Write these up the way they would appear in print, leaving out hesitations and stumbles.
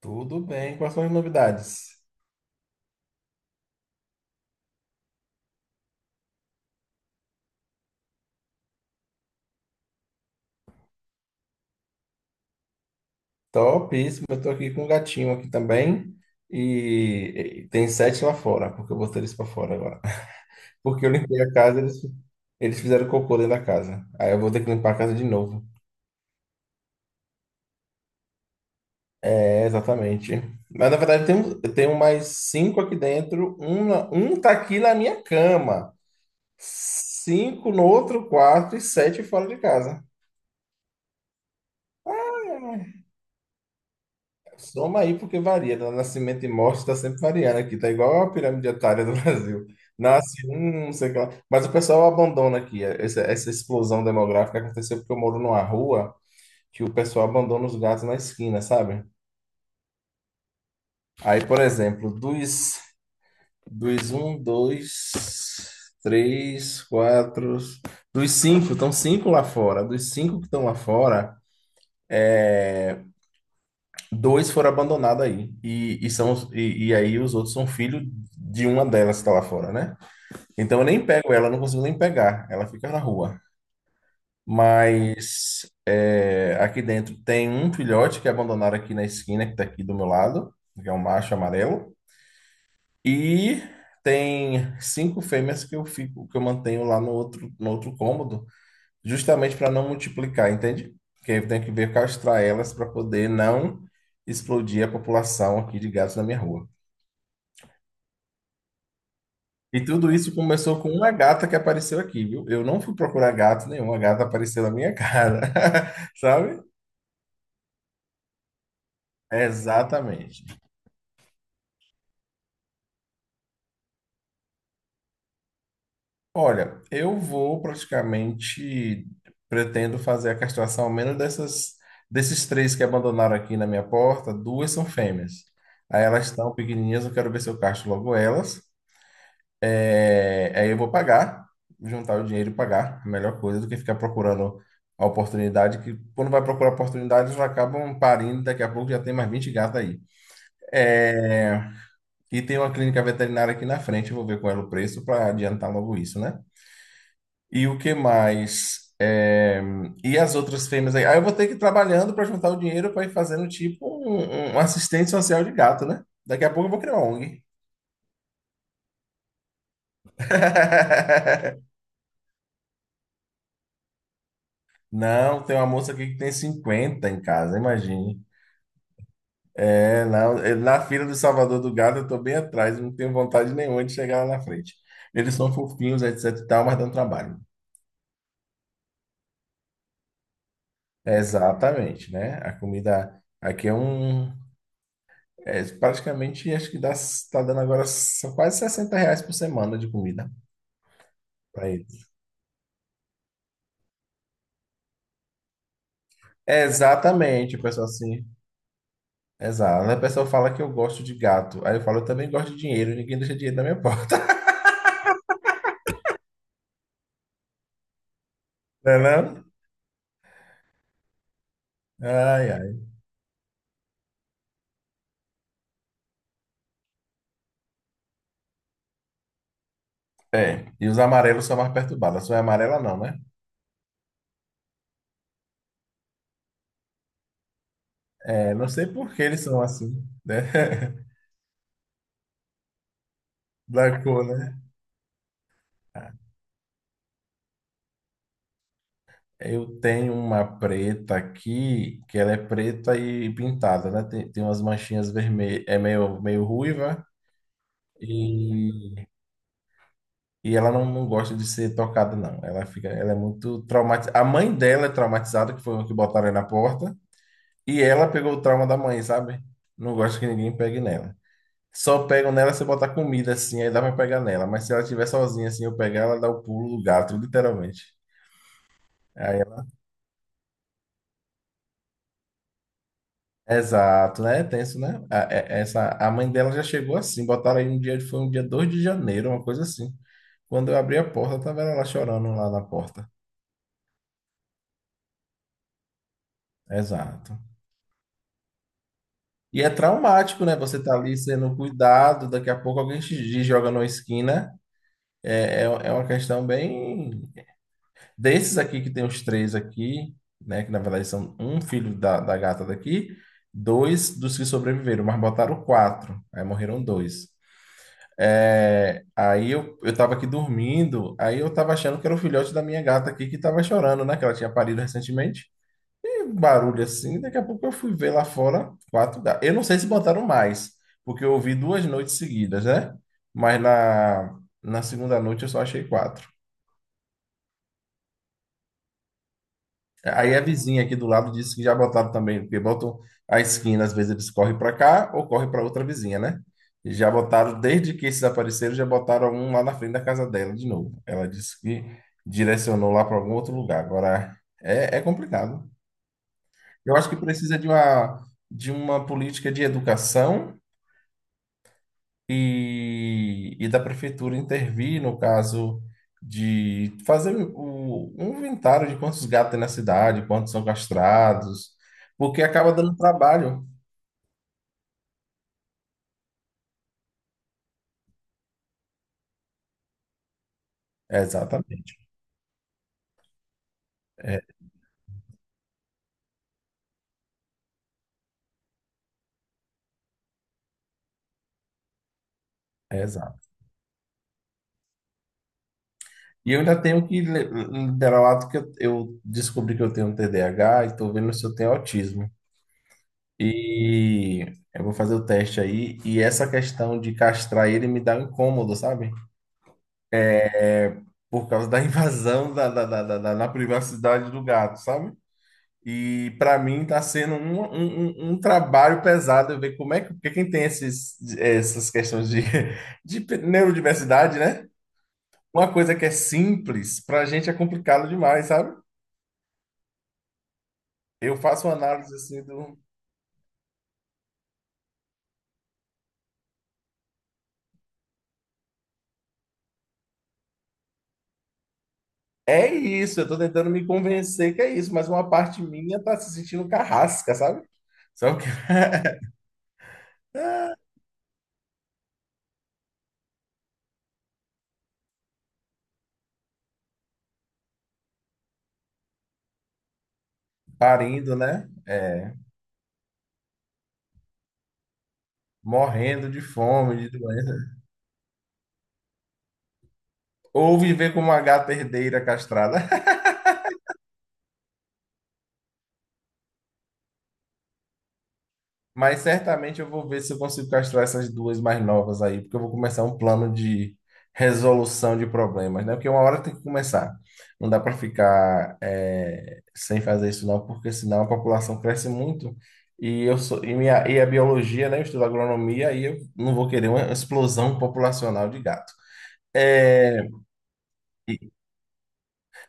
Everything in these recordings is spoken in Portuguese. Tudo bem, quais são as novidades? Topíssimo, eu tô aqui com um gatinho aqui também e tem sete lá fora, porque eu botei eles para fora agora. Porque eu limpei a casa, eles fizeram cocô dentro da casa. Aí eu vou ter que limpar a casa de novo. É, exatamente. Mas na verdade eu tenho mais cinco aqui dentro, um tá aqui na minha cama, cinco no outro quarto e sete fora de casa. Soma aí porque varia, né? Nascimento e morte está sempre variando aqui. Tá igual a pirâmide etária do Brasil. Nasce um, não sei o que lá. Mas o pessoal abandona aqui. Essa explosão demográfica aconteceu porque eu moro numa rua que o pessoal abandona os gatos na esquina, sabe? Aí, por exemplo, dos um, dois, três, quatro. Dos cinco, estão cinco lá fora. Dos cinco que estão lá fora. Dois foram abandonados aí. E aí os outros são filhos de uma delas que está lá fora, né? Então eu nem pego ela, eu não consigo nem pegar. Ela fica na rua. Mas é, aqui dentro tem um filhote que abandonaram aqui na esquina, que está aqui do meu lado, que é um macho amarelo. E tem cinco fêmeas que eu fico, que eu mantenho lá no outro cômodo justamente para não multiplicar, entende? Porque eu tenho que ver castrar elas para poder não explodir a população aqui de gatos na minha rua. E tudo isso começou com uma gata que apareceu aqui, viu? Eu não fui procurar gato nenhum, a gata apareceu na minha cara, sabe? Exatamente. Olha, eu vou praticamente pretendo fazer a castração ao menos dessas desses três que abandonaram aqui na minha porta, duas são fêmeas. Aí elas estão pequenininhas, eu quero ver se eu castro logo elas. É, aí eu vou pagar, juntar o dinheiro e pagar. A melhor coisa do que ficar procurando a oportunidade, que quando vai procurar oportunidades, eles acabam parindo, daqui a pouco já tem mais 20 gatos aí. É. E tem uma clínica veterinária aqui na frente, eu vou ver qual é o preço para adiantar logo isso, né? E o que mais? É. E as outras fêmeas aí? Aí eu vou ter que ir trabalhando para juntar o dinheiro para ir fazendo tipo um, um assistente social de gato, né? Daqui a pouco eu vou criar uma ONG. Não, tem uma moça aqui que tem 50 em casa, imagine. É, não, é, na fila do Salvador do Gado eu tô bem atrás, não tenho vontade nenhuma de chegar lá na frente. Eles são fofinhos, etc e tal, mas dão trabalho. Exatamente, né? A comida aqui é um. É, praticamente, acho que dá, tá dando agora só quase 60 reais por semana de comida para eles. Exatamente, o pessoal assim. Exato. Aí o pessoal fala que eu gosto de gato. Aí eu falo, eu também gosto de dinheiro, ninguém deixa dinheiro na minha porta. Não é não? Ai, ai. É, e os amarelos são mais perturbados. A sua é amarela, não, né? É, não sei por que eles são assim, né? Da cor, né? Ah, eu tenho uma preta aqui, que ela é preta e pintada, né? Tem umas manchinhas vermelhas, é meio ruiva e, e ela não gosta de ser tocada, não. Ela fica, ela é muito traumatizada. A mãe dela é traumatizada, que foi o que botaram aí na porta, e ela pegou o trauma da mãe, sabe? Não gosta que ninguém pegue nela. Só pegam nela se eu botar comida assim, aí dá pra pegar nela. Mas se ela estiver sozinha assim, eu pegar, ela dá o pulo do gato, literalmente. Aí ela. Exato, né? É tenso, né? A mãe dela já chegou assim, botaram aí um dia, foi um dia 2 de janeiro, uma coisa assim. Quando eu abri a porta, tava ela lá chorando lá na porta. Exato. E é traumático, né? Você tá ali sendo cuidado, daqui a pouco alguém te joga numa esquina. É uma questão bem. Desses aqui que tem os três aqui, né? Que na verdade são um filho da gata daqui, dois dos que sobreviveram, mas botaram quatro. Aí morreram dois. É, aí eu tava aqui dormindo, aí eu tava achando que era o filhote da minha gata aqui que tava chorando, né? Que ela tinha parido recentemente. E um barulho assim, daqui a pouco eu fui ver lá fora quatro gatos. Eu não sei se botaram mais, porque eu ouvi duas noites seguidas, né? Mas na segunda noite eu só achei quatro. Aí a vizinha aqui do lado disse que já botaram também, porque botam a esquina, às vezes eles correm para cá ou correm para outra vizinha, né? E já botaram, desde que esses apareceram, já botaram um lá na frente da casa dela de novo. Ela disse que direcionou lá para algum outro lugar. Agora, é complicado. Eu acho que precisa de uma, política de educação e da prefeitura intervir no caso de fazer um inventário de quantos gatos tem na cidade, quantos são castrados, porque acaba dando trabalho. Exatamente, exato. E eu ainda tenho que liderar o ato que eu descobri que eu tenho T TDAH e estou vendo se eu tenho autismo. E eu vou fazer o teste aí, e essa questão de castrar ele me dá um incômodo, sabe? É. Por causa da invasão na privacidade do gato, sabe? E para mim está sendo um trabalho pesado eu ver como é que porque quem tem essas questões de, de neurodiversidade, né? Uma coisa que é simples, para a gente é complicado demais, sabe? Eu faço uma análise assim do. É isso, eu estou tentando me convencer que é isso, mas uma parte minha está se sentindo carrasca, sabe? Só que parindo, né? É, morrendo de fome, de doença. Ou viver como uma gata herdeira castrada. Mas certamente eu vou ver se eu consigo castrar essas duas mais novas aí, porque eu vou começar um plano de resolução de problemas, né? Porque uma hora tem que começar. Não dá para ficar sem fazer isso não, porque senão a população cresce muito e eu sou e a biologia, né? Eu estudo agronomia e eu não vou querer uma explosão populacional de gato. É,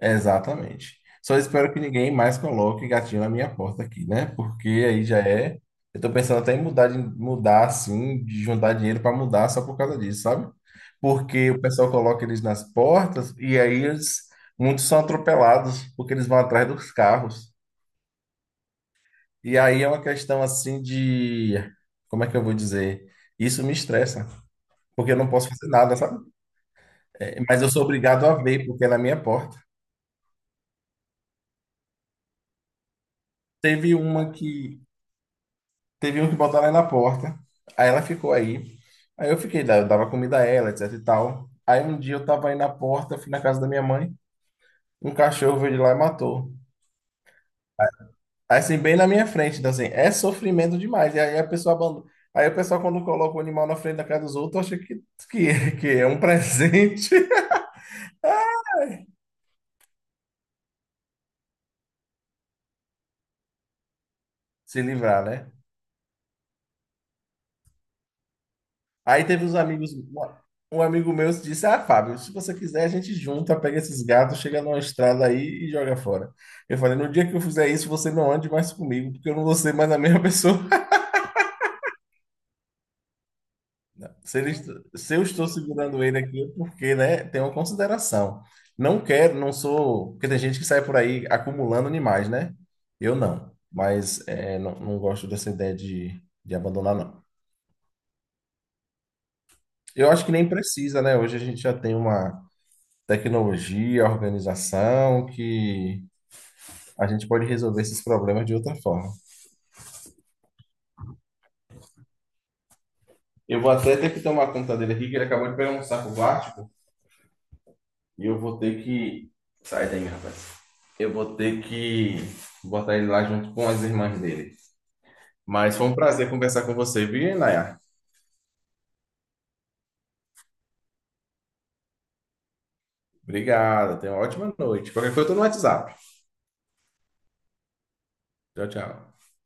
Exatamente. Só espero que ninguém mais coloque gatinho na minha porta aqui, né? Porque aí já é. Eu tô pensando até em mudar, de mudar assim, de juntar dinheiro para mudar só por causa disso, sabe? Porque o pessoal coloca eles nas portas e aí eles, muitos são atropelados porque eles vão atrás dos carros. E aí é uma questão assim de. Como é que eu vou dizer? Isso me estressa, porque eu não posso fazer nada, sabe? É, mas eu sou obrigado a ver, porque é na minha porta. Teve uma que Teve um que botou ela na porta. Aí ela ficou aí. Aí eu fiquei, eu dava comida a ela, etc e tal. Aí um dia eu tava aí na porta, fui na casa da minha mãe. Um cachorro veio de lá e matou. Aí assim, bem na minha frente. Então assim, é sofrimento demais. E aí a pessoa abandona. Aí o pessoal, quando coloca o animal na frente da casa dos outros, acha que é um presente se livrar, né? Aí teve um amigo meu disse: Ah, Fábio, se você quiser, a gente junta, pega esses gatos, chega numa estrada aí e joga fora. Eu falei: No dia que eu fizer isso, você não ande mais comigo, porque eu não vou ser mais a mesma pessoa. Se, ele, se eu estou segurando ele aqui, é porque, né, tem uma consideração. Não quero, não sou. Porque tem gente que sai por aí acumulando animais, né? Eu não. Mas é, não gosto dessa ideia de abandonar, não. Eu acho que nem precisa, né? Hoje a gente já tem uma tecnologia, organização, que a gente pode resolver esses problemas de outra forma. Eu vou até ter que tomar conta dele aqui, que ele acabou de pegar um saco plástico, e eu vou ter que. Sai daí, rapaz. Eu vou ter que botar ele lá junto com as irmãs dele. Mas foi um prazer conversar com você, viu, Nayar? Obrigado, tenha uma ótima noite. Qualquer coisa, eu tô no WhatsApp. Tchau, tchau.